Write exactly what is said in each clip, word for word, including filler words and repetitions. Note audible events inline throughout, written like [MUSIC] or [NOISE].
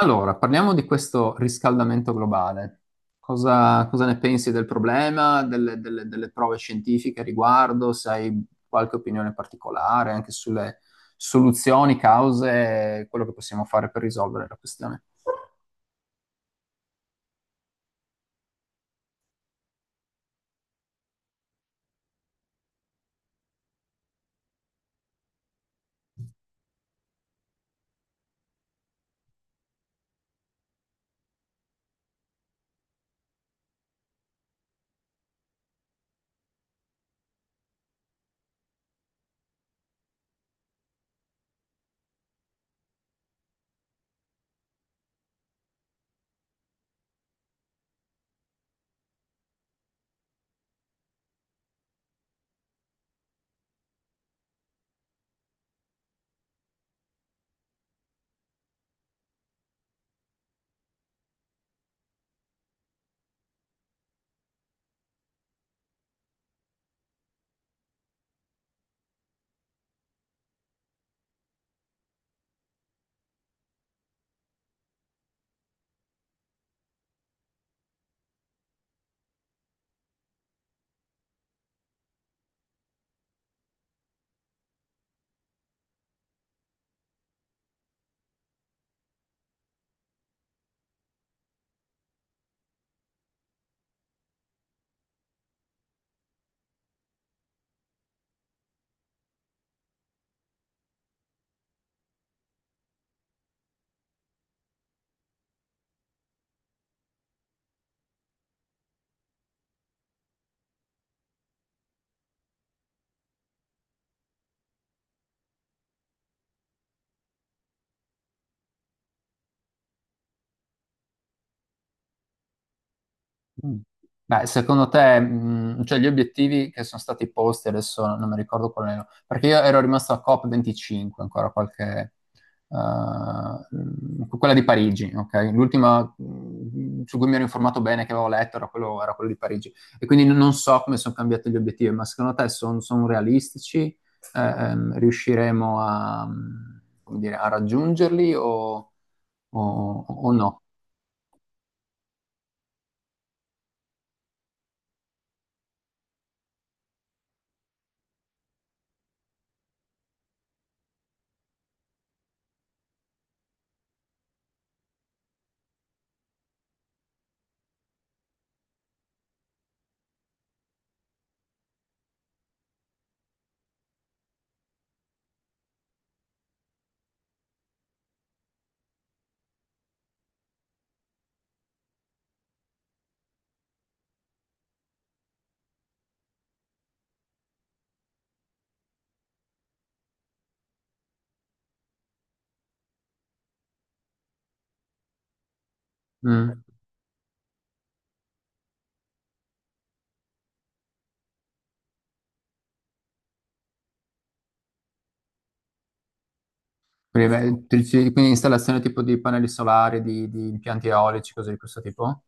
Allora, parliamo di questo riscaldamento globale. Cosa, cosa ne pensi del problema, delle, delle- delle prove scientifiche a riguardo? Se hai qualche opinione particolare anche sulle soluzioni, cause, quello che possiamo fare per risolvere la questione? Mm. Beh, secondo te, mh, cioè gli obiettivi che sono stati posti, adesso non mi ricordo qual erano, perché io ero rimasto a COP venticinque, ancora qualche, eh, mh, quella di Parigi, ok? L'ultima mh, su cui mi ero informato bene, che avevo letto, era quello, era quello di Parigi. E quindi non so come sono cambiati gli obiettivi, ma secondo te sono realistici? Eh, ehm, riusciremo a, mm, come dire, a raggiungerli o, o- o no? Mm. Quindi, beh, ti- ti- quindi installazione tipo di pannelli solari, di, di impianti eolici, cose di questo tipo?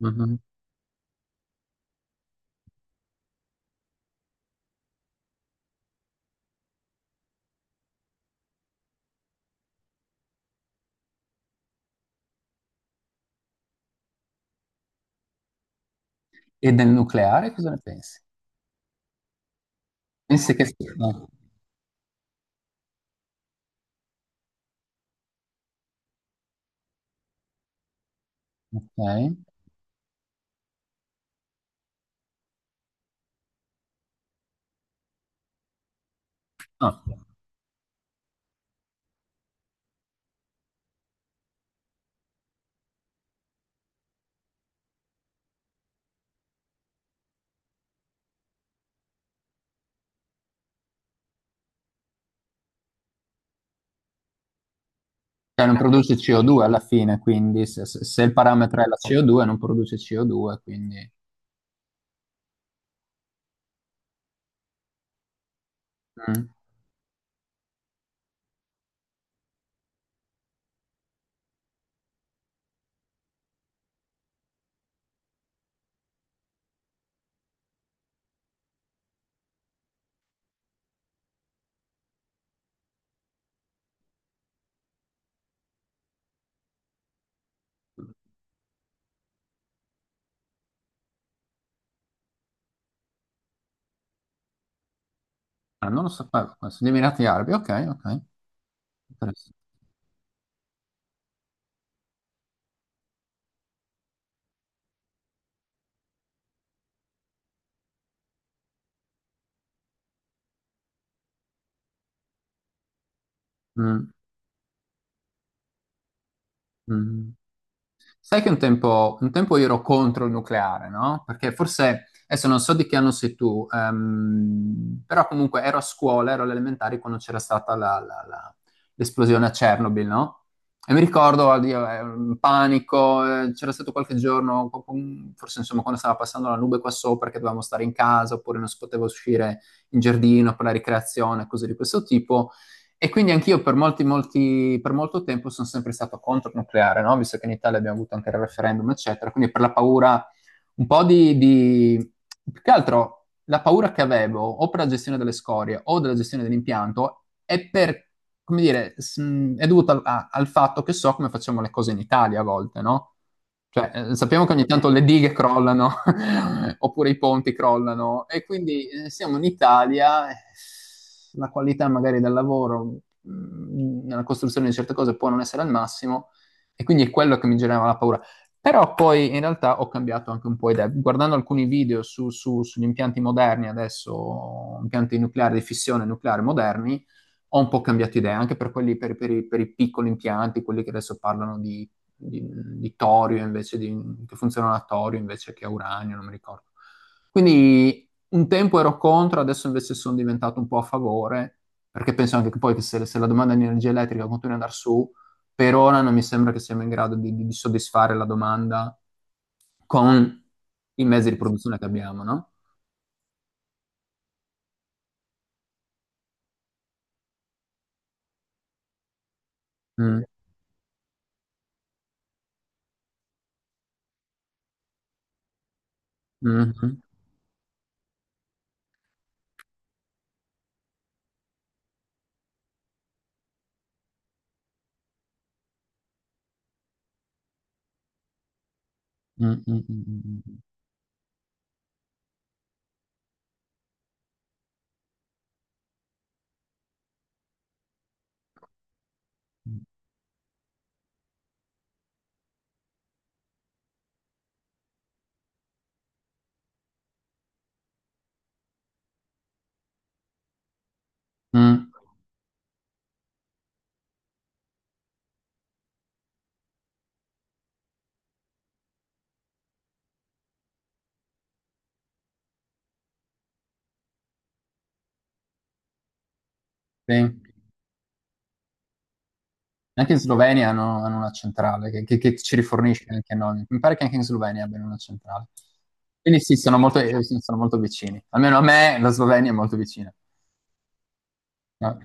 Mhm. E del nucleare cosa ne pensi? Pensi che... No. Ok. No. Cioè non produce C O due alla fine, quindi se, se- se il parametro è la C O due non produce C O due, quindi... Mm. Ah, non lo sapevo, questo. Gli Emirati Arabi, ok, ok. Interessante. Mm, mm. Sai che un tempo, un tempo io ero contro il nucleare, no? Perché forse, adesso non so di che anno sei tu, ehm, però comunque ero a scuola, ero alle elementari quando c'era stata la- la- la- l'esplosione a Chernobyl, no? E mi ricordo, oddio, eh, un panico, eh, c'era stato qualche giorno, po- po- forse insomma quando stava passando la nube qua sopra, che dovevamo stare in casa oppure non si poteva uscire in giardino per la ricreazione, cose di questo tipo. E quindi anch'io per molti, molti, per molto tempo sono sempre stato contro il nucleare, no? Visto che in Italia abbiamo avuto anche il referendum, eccetera. Quindi per la paura, un po' di, di... Più che altro, la paura che avevo, o per la gestione delle scorie, o della gestione dell'impianto, è per, come dire, s- è dovuta al, a- al fatto che so come facciamo le cose in Italia a volte, no? Cioè, eh, sappiamo che ogni tanto le dighe crollano, [LAUGHS] oppure i ponti crollano, e quindi eh, siamo in Italia, eh, la qualità magari del lavoro, mh, nella costruzione di certe cose può non essere al massimo, e quindi è quello che mi generava la paura. Però poi in realtà ho cambiato anche un po' idea. Guardando alcuni video su- su- sugli impianti moderni adesso, impianti nucleari di fissione nucleare moderni, ho un po' cambiato idea, anche per quelli, per, per i, per i piccoli impianti, quelli che adesso parlano di di, di torio invece di, che funzionano a torio invece che a uranio, non mi ricordo. Quindi un tempo ero contro, adesso invece sono diventato un po' a favore, perché penso anche che poi che se, se la domanda di energia elettrica continua ad andare su, per ora non mi sembra che siamo in grado di, di- di soddisfare la domanda con i mezzi di produzione che abbiamo, no? Mm, mm, mm, mm, mm, mm, mm, mm, sì. Anche in Slovenia hanno, hanno una centrale che, che- che ci rifornisce anche a noi. Mi pare che anche in Slovenia abbiano una centrale. Quindi sì, sono molto, eh, sì, sono molto vicini. Almeno a me la Slovenia è molto vicina. Ah.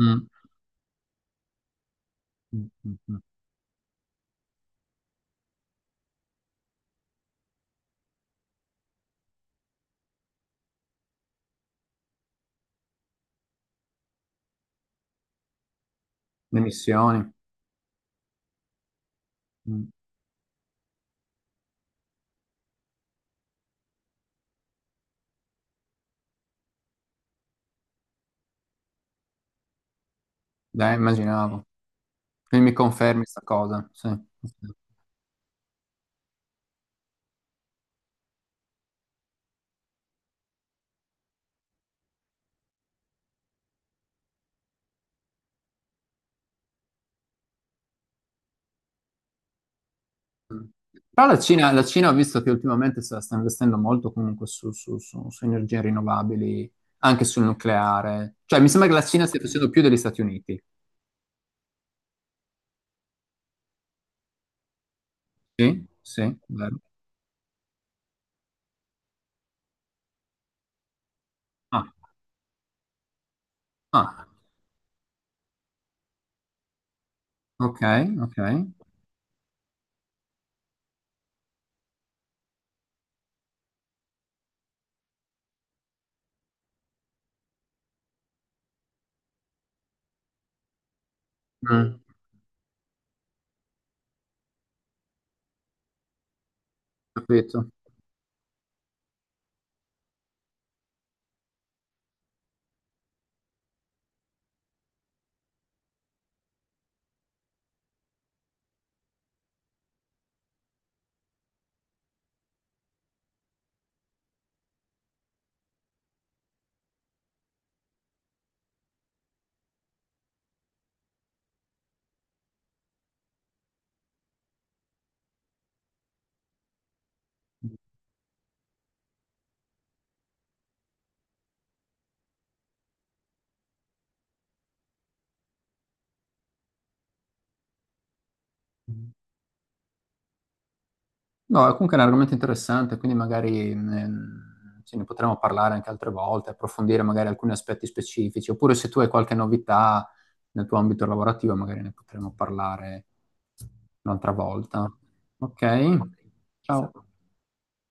Mm. Mm, mm, mm. Le missioni. Mm. Dai, immaginavo. Quindi mi confermi questa cosa. Sì. Mm. Però la Cina, la Cina ho visto che ultimamente sta, sta investendo molto comunque su, su- su- su energie rinnovabili, anche sul nucleare. Cioè, mi sembra che la Cina stia facendo più degli Stati Uniti. Sì, sì, vero. Ah, ah, ok, ok. Mm, capito. No, è comunque è un argomento interessante, quindi magari mm, ce ne potremo parlare anche altre volte, approfondire magari alcuni aspetti specifici, oppure se tu hai qualche novità nel tuo ambito lavorativo, magari ne potremo parlare un'altra volta. Ok, ciao.